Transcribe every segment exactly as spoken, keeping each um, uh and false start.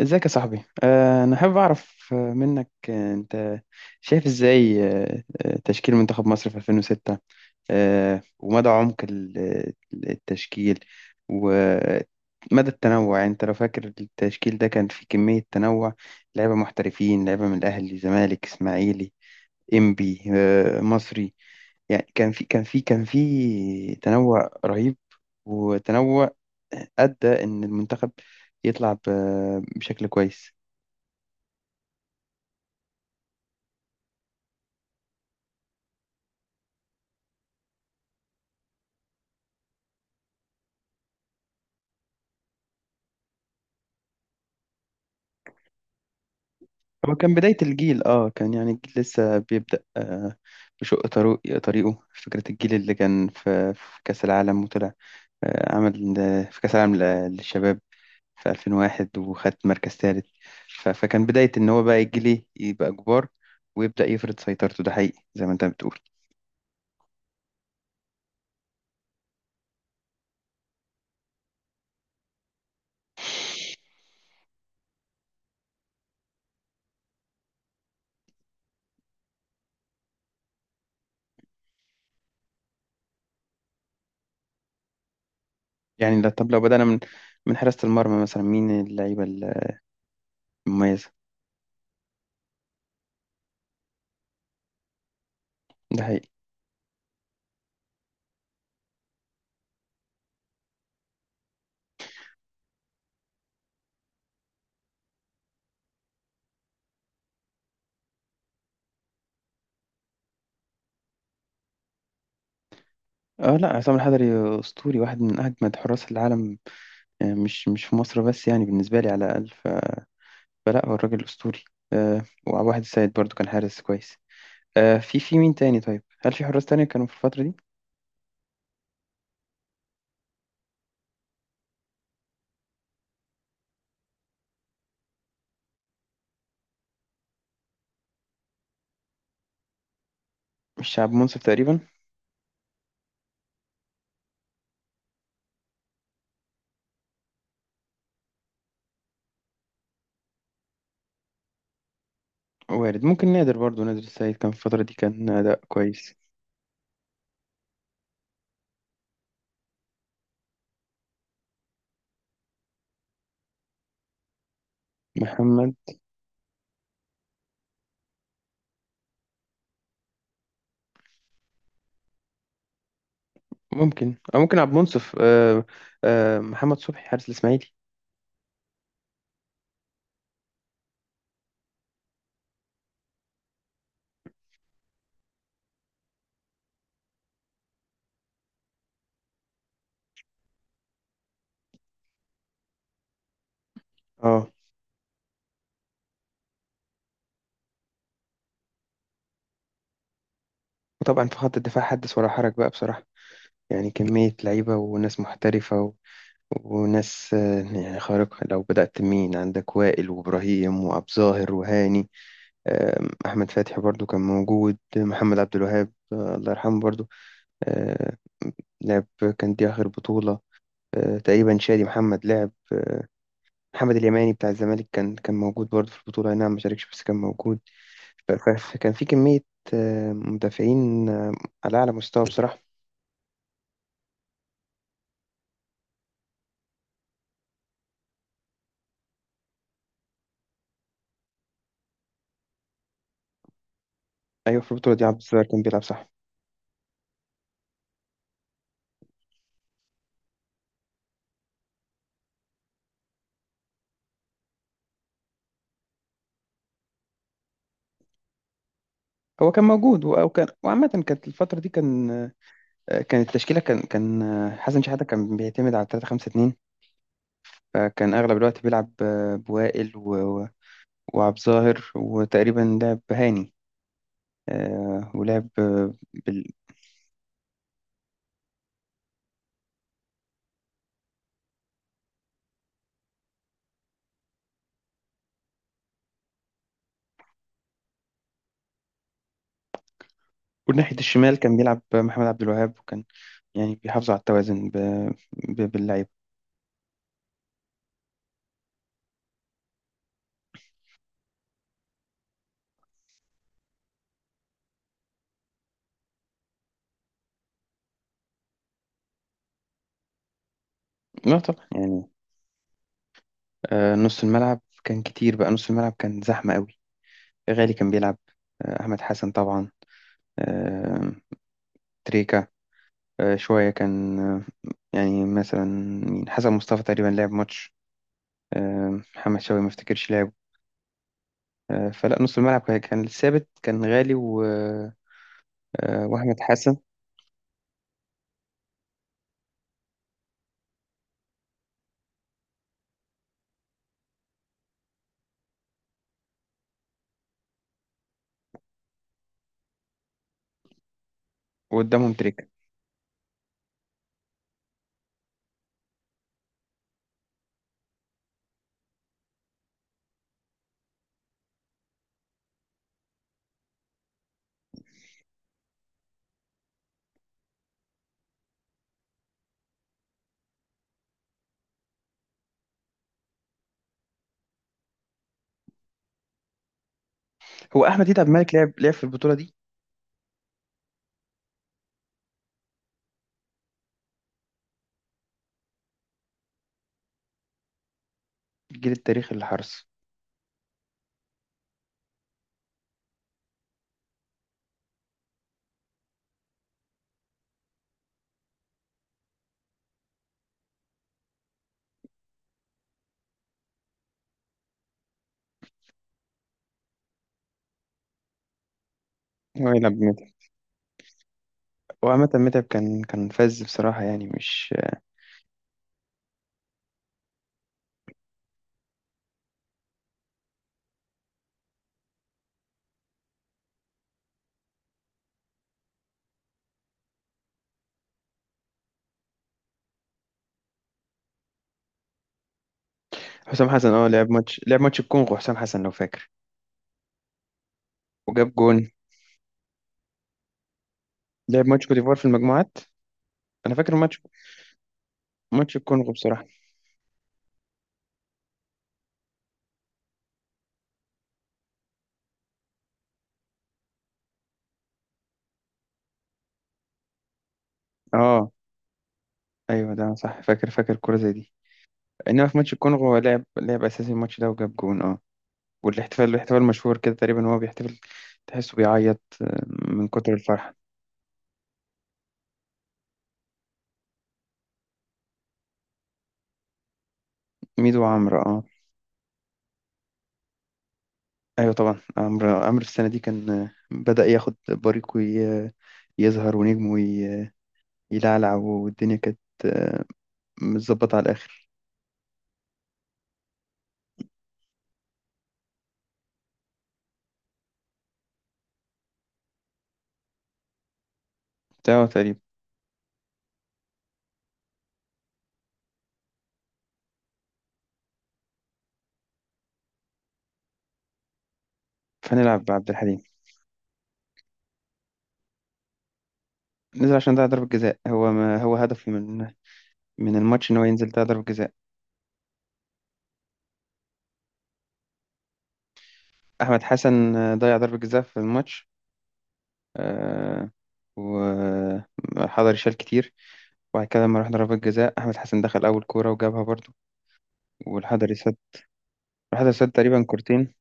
ازيك يا صاحبي، آه، انا حابب اعرف آه، منك. آه، انت شايف ازاي آه، آه، تشكيل منتخب مصر في ألفين وستة، آه، ومدى عمق ال- ال- التشكيل، ومدى التنوع. يعني انت لو فاكر التشكيل ده كان فيه كمية تنوع، لعيبة محترفين، لعيبة من الاهلي، زمالك، اسماعيلي، انبي، آه، مصري. يعني كان في كان في كان في تنوع رهيب، وتنوع أدى إن المنتخب يطلع ب- بشكل كويس. هو كان بداية الجيل، اه، كان يعني الجيل لسه بيبدأ آه، بشق طريق طريقه. فكرة الجيل اللي كان في, في كأس العالم وطلع، آه، عمل آه، في كأس العالم ل- للشباب في ألفين وواحد وخد مركز ثالث. ف- فكان بداية ان هو بقى يجي ليه يبقى كبار، ويبدأ يفرض سيطرته. ده حقيقي زي ما انت بتقول. يعني لا- طب لو بدأنا من من حراسة المرمى، مثلا مين اللعيبة المميزة؟ ده حقيقي. اه لا، عصام الحضري اسطوري، واحد من اجمد حراس العالم، آه، مش مش في مصر بس، يعني بالنسبة لي على الاقل. فلا، هو الراجل أسطوري، آه، وواحد السيد برضو كان حارس كويس آه. في في مين تاني؟ طيب هل في حراس تاني كانوا في الفترة دي؟ الشعب منصف تقريبا. وارد، ممكن نادر، برضو نادر السيد كان في الفترة دي كان أداء كويس. محمد، ممكن أو ممكن عبد المنصف، آه. آه محمد صبحي حارس الإسماعيلي. اه، وطبعا في خط الدفاع حدث ولا حرج بقى بصراحة. يعني كمية لعيبة وناس محترفة، و... وناس آه، يعني خارقة. لو بدأت، مين عندك؟ وائل، وإبراهيم، وأبو ظاهر، وهاني، آم، أحمد فتحي برضو كان موجود، محمد عبد الوهاب آه، الله يرحمه برضو، آه، لعب، كان دي آخر بطولة آه، تقريبا، شادي محمد لعب، آه، محمد اليماني بتاع الزمالك كان كان موجود برضو في البطولة، أي نعم ما شاركش بس كان موجود. ف- ف- كان في كمية آه، مدافعين آه، على أعلى مستوى بصراحة. أيوة، في البطولة دي عبد الصغير كان بيلعب صح. هو كان موجود، و- وكان، وعامة كانت الفترة دي كان آه، كانت التشكيلة، كان كان آه، حسن شحاتة كان بيعتمد على ثلاثة خمسة اتنين. فكان أغلب الوقت بيلعب آه، بوائل و- و- وعبد الظاهر، وتقريبا لعب هاني آه، ولعب آه، بال... وناحية الشمال كان بيلعب محمد عبد الوهاب، وكان يعني بيحافظ على التوازن ب... ب... باللعيبة. لا طبعا يعني. آه، نص الملعب كان كتير بقى، نص الملعب كان زحمة قوي. غالي كان بيلعب، آه، أحمد حسن طبعا، آه، تريكا آه، شوية كان، آه، يعني مثلا مين؟ حسن مصطفى تقريبا لعب ماتش، آه، محمد شوقي ما افتكرش لعب آه، فلا، نص الملعب كان كان ثابت، كان غالي و... آه، واحمد حسن. وقدامهم تريكت. هو احمد ديد عبد الملك لعب لعب في البطوله دي؟ الجيل التاريخي للحرس. هو يلعب متعب، وعامة متعب كان كان فاز بصراحة، يعني مش. حسام حسن، اه، لعب ماتش لعب ماتش الكونغو حسام حسن لو فاكر، وجاب جون. لعب ماتش كوت ديفوار في المجموعات، انا فاكر ماتش ماتش الكونغو بصراحة، اه. ايوه ده صح، فاكر فاكر كورة زي دي. انما في ماتش الكونغو هو لعب لعب اساسي الماتش ده وجاب جون اه. والاحتفال الاحتفال مشهور كده، تقريبا هو بيحتفل، تحسه بيعيط آه، من كتر الفرحة. ميدو وعمرو، اه. ايوه طبعا، عمرو عمرو السنة دي كان آه، بدأ ياخد بريقه، ي- يظهر، ونجمه ي- يلعلع، والدنيا كانت آه، متظبطة على الآخر بتاعه تقريبا. فنلعب بعبد الحليم. نزل عشان ده ضربة جزاء، هو ما هو هدفي من من الماتش إن هو ينزل، ده ضربة جزاء. أحمد حسن آه، ضيع ضربة جزاء في الماتش آه، وحضري شال كتير. وبعد كده لما رحنا ضربات جزاء، أحمد حسن دخل أول كورة وجابها برضو، والحضري سد. الحضري سد تقريبا كورتين،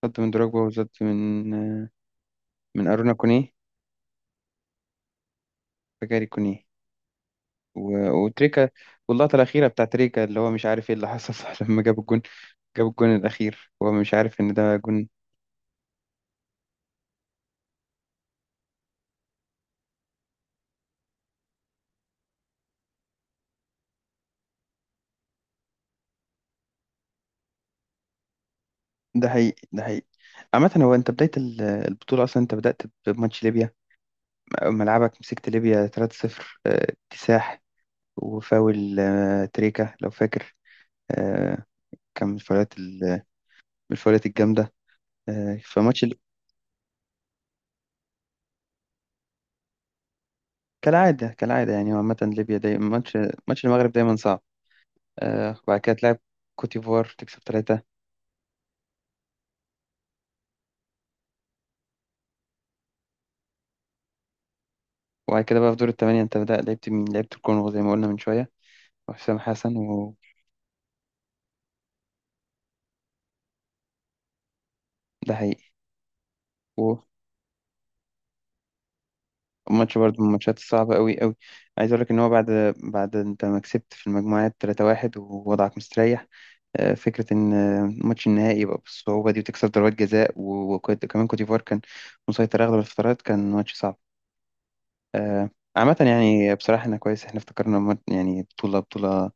سد من دروجبا، وسد من آه، من أرونا كونيه، فجاري كونيه، و- وتريكا. واللقطة الأخيرة بتاع تريكا، اللي هو مش عارف إيه اللي حصل صح، لما جاب الجون جاب الجون الأخير هو مش عارف إن ده جون. ده حقيقي، ده حقيقي. عامة هو أنت، بداية ال- البطولة أصلا أنت بدأت بماتش ليبيا، ملعبك مسكت ليبيا ثلاثة صفر آه، اكتساح. وفاول آه، تريكا لو فاكر آه، كان من الفاولات ال- من الفاولات الجامدة. آه، فماتش ال- كالعادة، كالعادة. يعني هو عامة ليبيا دايما ماتش ماتش المغرب دايما صعب. آه، وبعد كده تلعب كوتيفوار، تكسب ثلاثة. وبعد كده بقى في دور الثمانية انت بدأت، لعبت مين؟ لعبت الكونغو زي ما قلنا من شوية وحسام حسن، وده حقيقي. وماتش برضه من الماتشات الصعبة أوي أوي. عايز أقول لك إن هو بعد، بعد أنت ما كسبت في المجموعات ثلاثة واحد، ووضعك مستريح، آه، فكرة إن آه، ماتش النهائي يبقى بالصعوبة دي، وتكسب ضربات جزاء، و- وكنت- وكمان كوت ديفوار كان مسيطر أغلب الفترات، كان ماتش صعب آه، عامة يعني. بصراحة إحنا كويس إحنا افتكرنا، مات- يعني بطولة، بطولة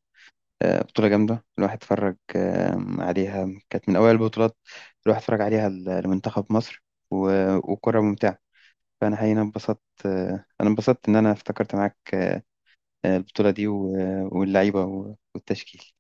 آه، بطولة جامدة. الواحد اتفرج آه، عليها، كانت من أوائل البطولات الواحد اتفرج عليها ل- لمنتخب مصر، و- وكرة ممتعة. فأنا حقيقي أنا انبسطت آه، أنا انبسطت إن أنا افتكرت معاك آه، البطولة دي و- واللعيبة والتشكيل.